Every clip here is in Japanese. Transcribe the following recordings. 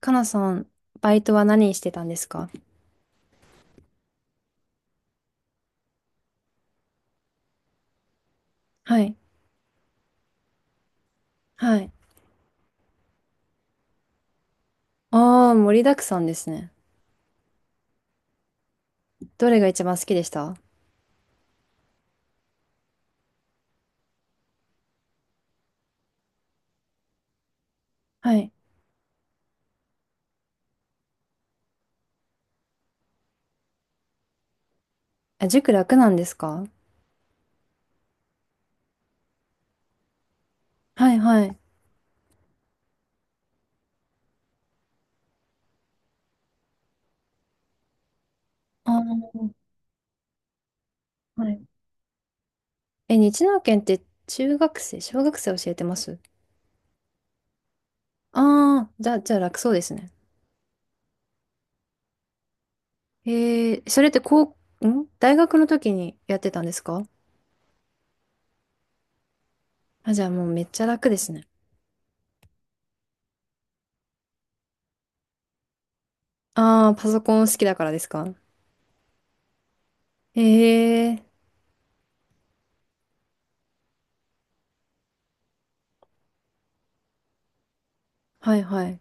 かなさん、バイトは何してたんですか？はい。はい。ああ、盛りだくさんですね。どれが一番好きでした？はい。あ、塾楽なんですか？はいはい。ああ、はい。え、日南研って中学生、小学生教えてます？ああー、じゃあ、楽そうですね。それってこう、大学の時にやってたんですか？あ、じゃあもうめっちゃ楽ですね。ああ、パソコン好きだからですか？ええー。はいはい。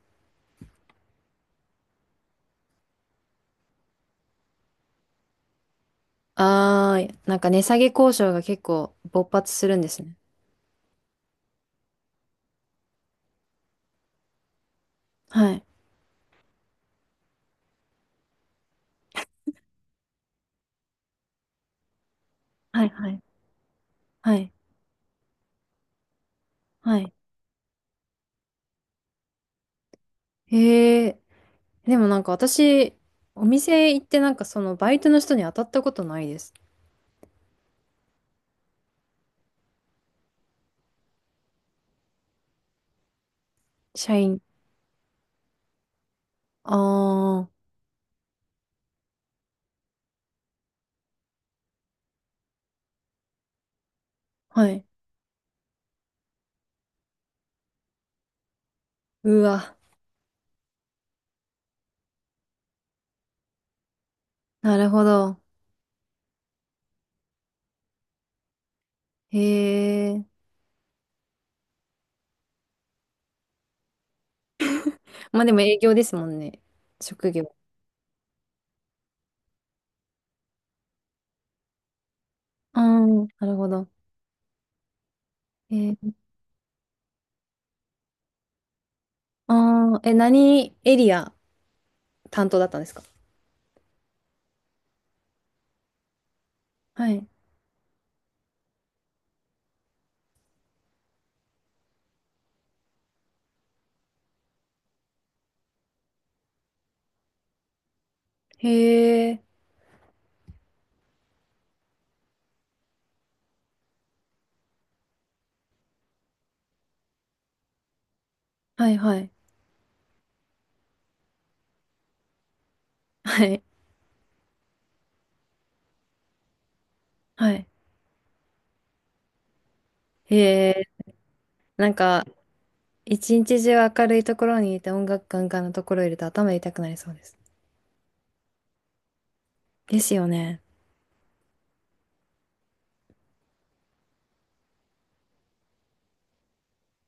あー、なんか値下げ交渉が結構勃発するんですね。はい。はい、はい、はい、はい。へえ、でもなんか私、お店行ってなんかそのバイトの人に当たったことないです。社員。ああ、はい。うわ、なるほど。へえ。まあでも営業ですもんね。職業。ああ、なるほど。えー。ああ、え、何エリア担当だったんですか？はい。へえ、はいはい。はい、はい。へえ。なんか、一日中明るいところにいて音楽ガンガンのところいると頭痛くなりそうです。ですよね。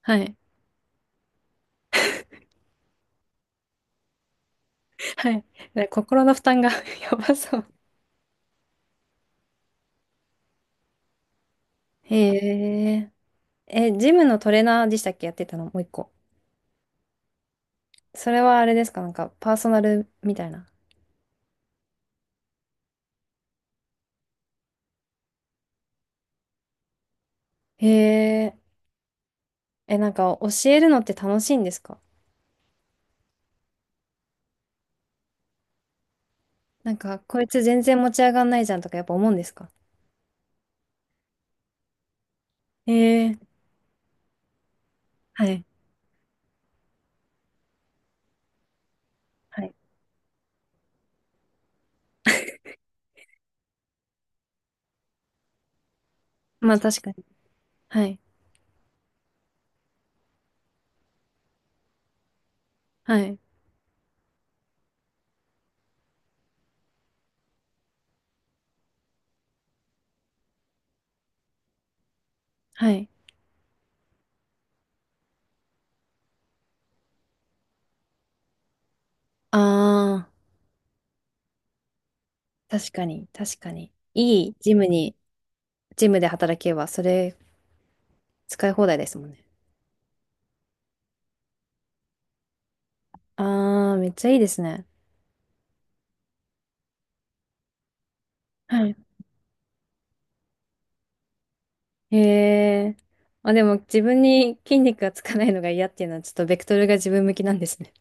はい。はい。で心の負担が やばそう。へえ。え、ジムのトレーナーでしたっけ？やってたのもう一個。それはあれですか？なんか、パーソナルみたいな。へえ。え、なんか、教えるのって楽しいんですか？なんか、こいつ全然持ち上がんないじゃんとかやっぱ思うんですか？へえ。はい。はい。まあ確かに。はい。はい。はい。ああ。確かに、確かに。いいジムに、ジムで働けば、それ使い放題ですもんね。あー、めっちゃいいですね。はい。へえ。あ、でも自分に筋肉がつかないのが嫌っていうのは、ちょっとベクトルが自分向きなんですね。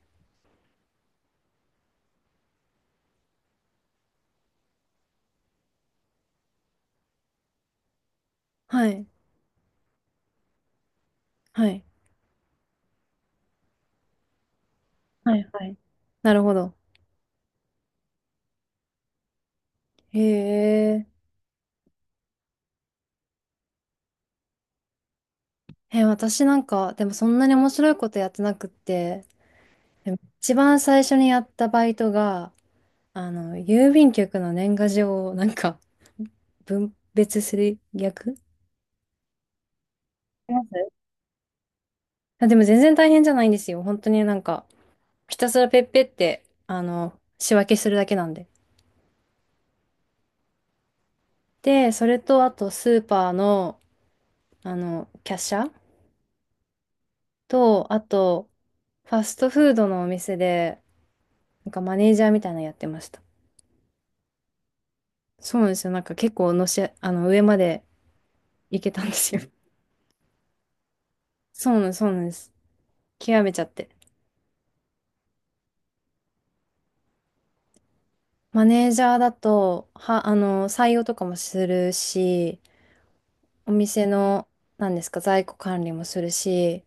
はい。はい。はい。はい。なるほど。へえ。え、私なんか、でもそんなに面白いことやってなくって、でも一番最初にやったバイトが、郵便局の年賀状をなんか分別する役やります。あ、でも全然大変じゃないんですよ。本当になんか、ひたすらペッペって、仕分けするだけなんで。で、それと、あと、スーパーの、キャッシャーと、あと、ファストフードのお店で、なんかマネージャーみたいなのやってました。そうなんですよ。なんか結構のし、あの、上まで行けたんですよ。そうなんです、そうなんです。極めちゃって。マネージャーだと、は、あの、採用とかもするし、お店の、なんですか、在庫管理もするし、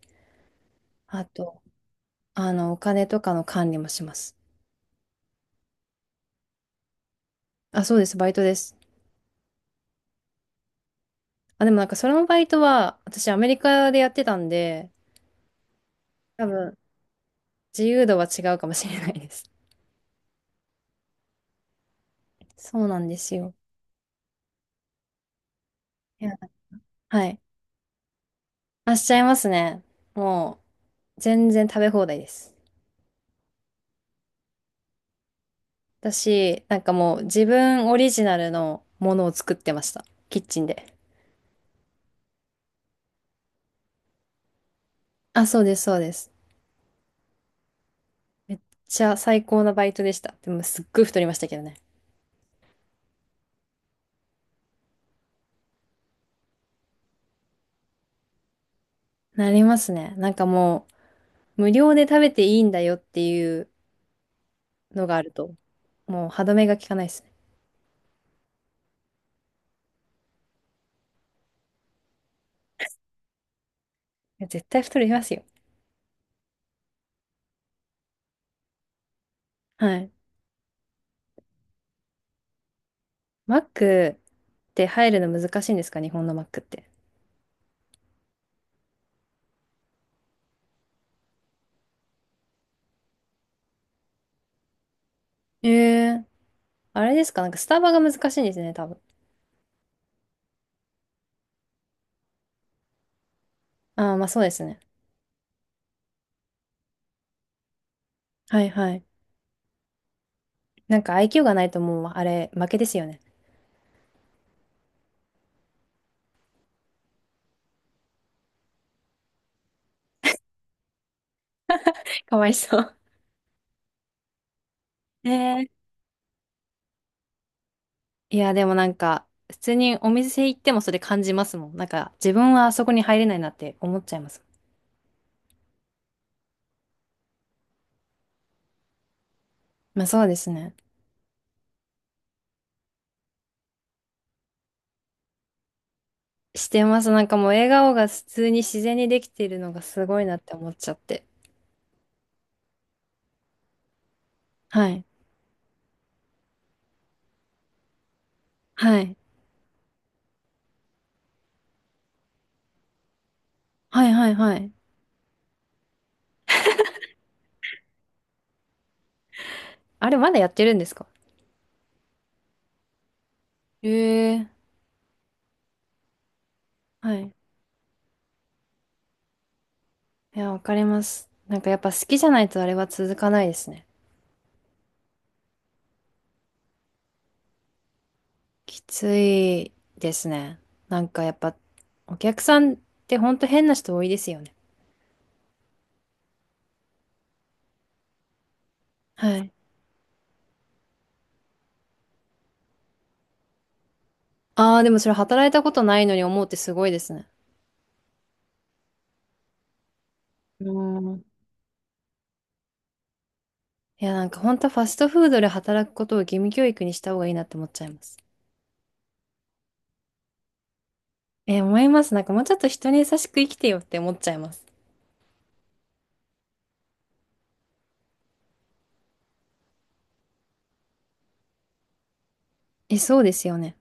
あと、お金とかの管理もします。あ、そうです、バイトです。あ、でもなんかそのバイトは、私アメリカでやってたんで、多分、自由度は違うかもしれないです。そうなんですよ。いや、はい。あ、しちゃいますね。もう、全然食べ放題です。私、なんかもう、自分オリジナルのものを作ってました。キッチンで。あ、そうです、そうです。めっちゃ最高なバイトでした。でも、すっごい太りましたけどね。なりますね。なんかもう、無料で食べていいんだよっていう、のがあると、もう歯止めが効かないですね。いや絶対太りますよ。はい。マックって入るの難しいんですか？日本のマックって。ええ。あれですか？なんかスタバが難しいんですね、多分。ああ、まあそうですね。はいはい。なんかIQ がないともうあれ負けですよね。かわいそう。ええ。いや、でもなんか、普通にお店行ってもそれ感じますもん。なんか、自分はあそこに入れないなって思っちゃいます。まあそうですね。してます。なんかもう笑顔が普通に自然にできているのがすごいなって思っちゃって。はい。はい。はいはいはい。あれ、まだやってるんですか？ええ。はい。いや、わかります。なんかやっぱ好きじゃないとあれは続かないですね。きついですね。なんかやっぱ、お客さんってほんと変な人多いですよね。はい。ああ、でもそれ働いたことないのに思うってすごいですね。うん。いや、なんかほんとファストフードで働くことを義務教育にした方がいいなって思っちゃいます。思います。なんかもうちょっと人に優しく生きてよって思っちゃいます。え、そうですよね。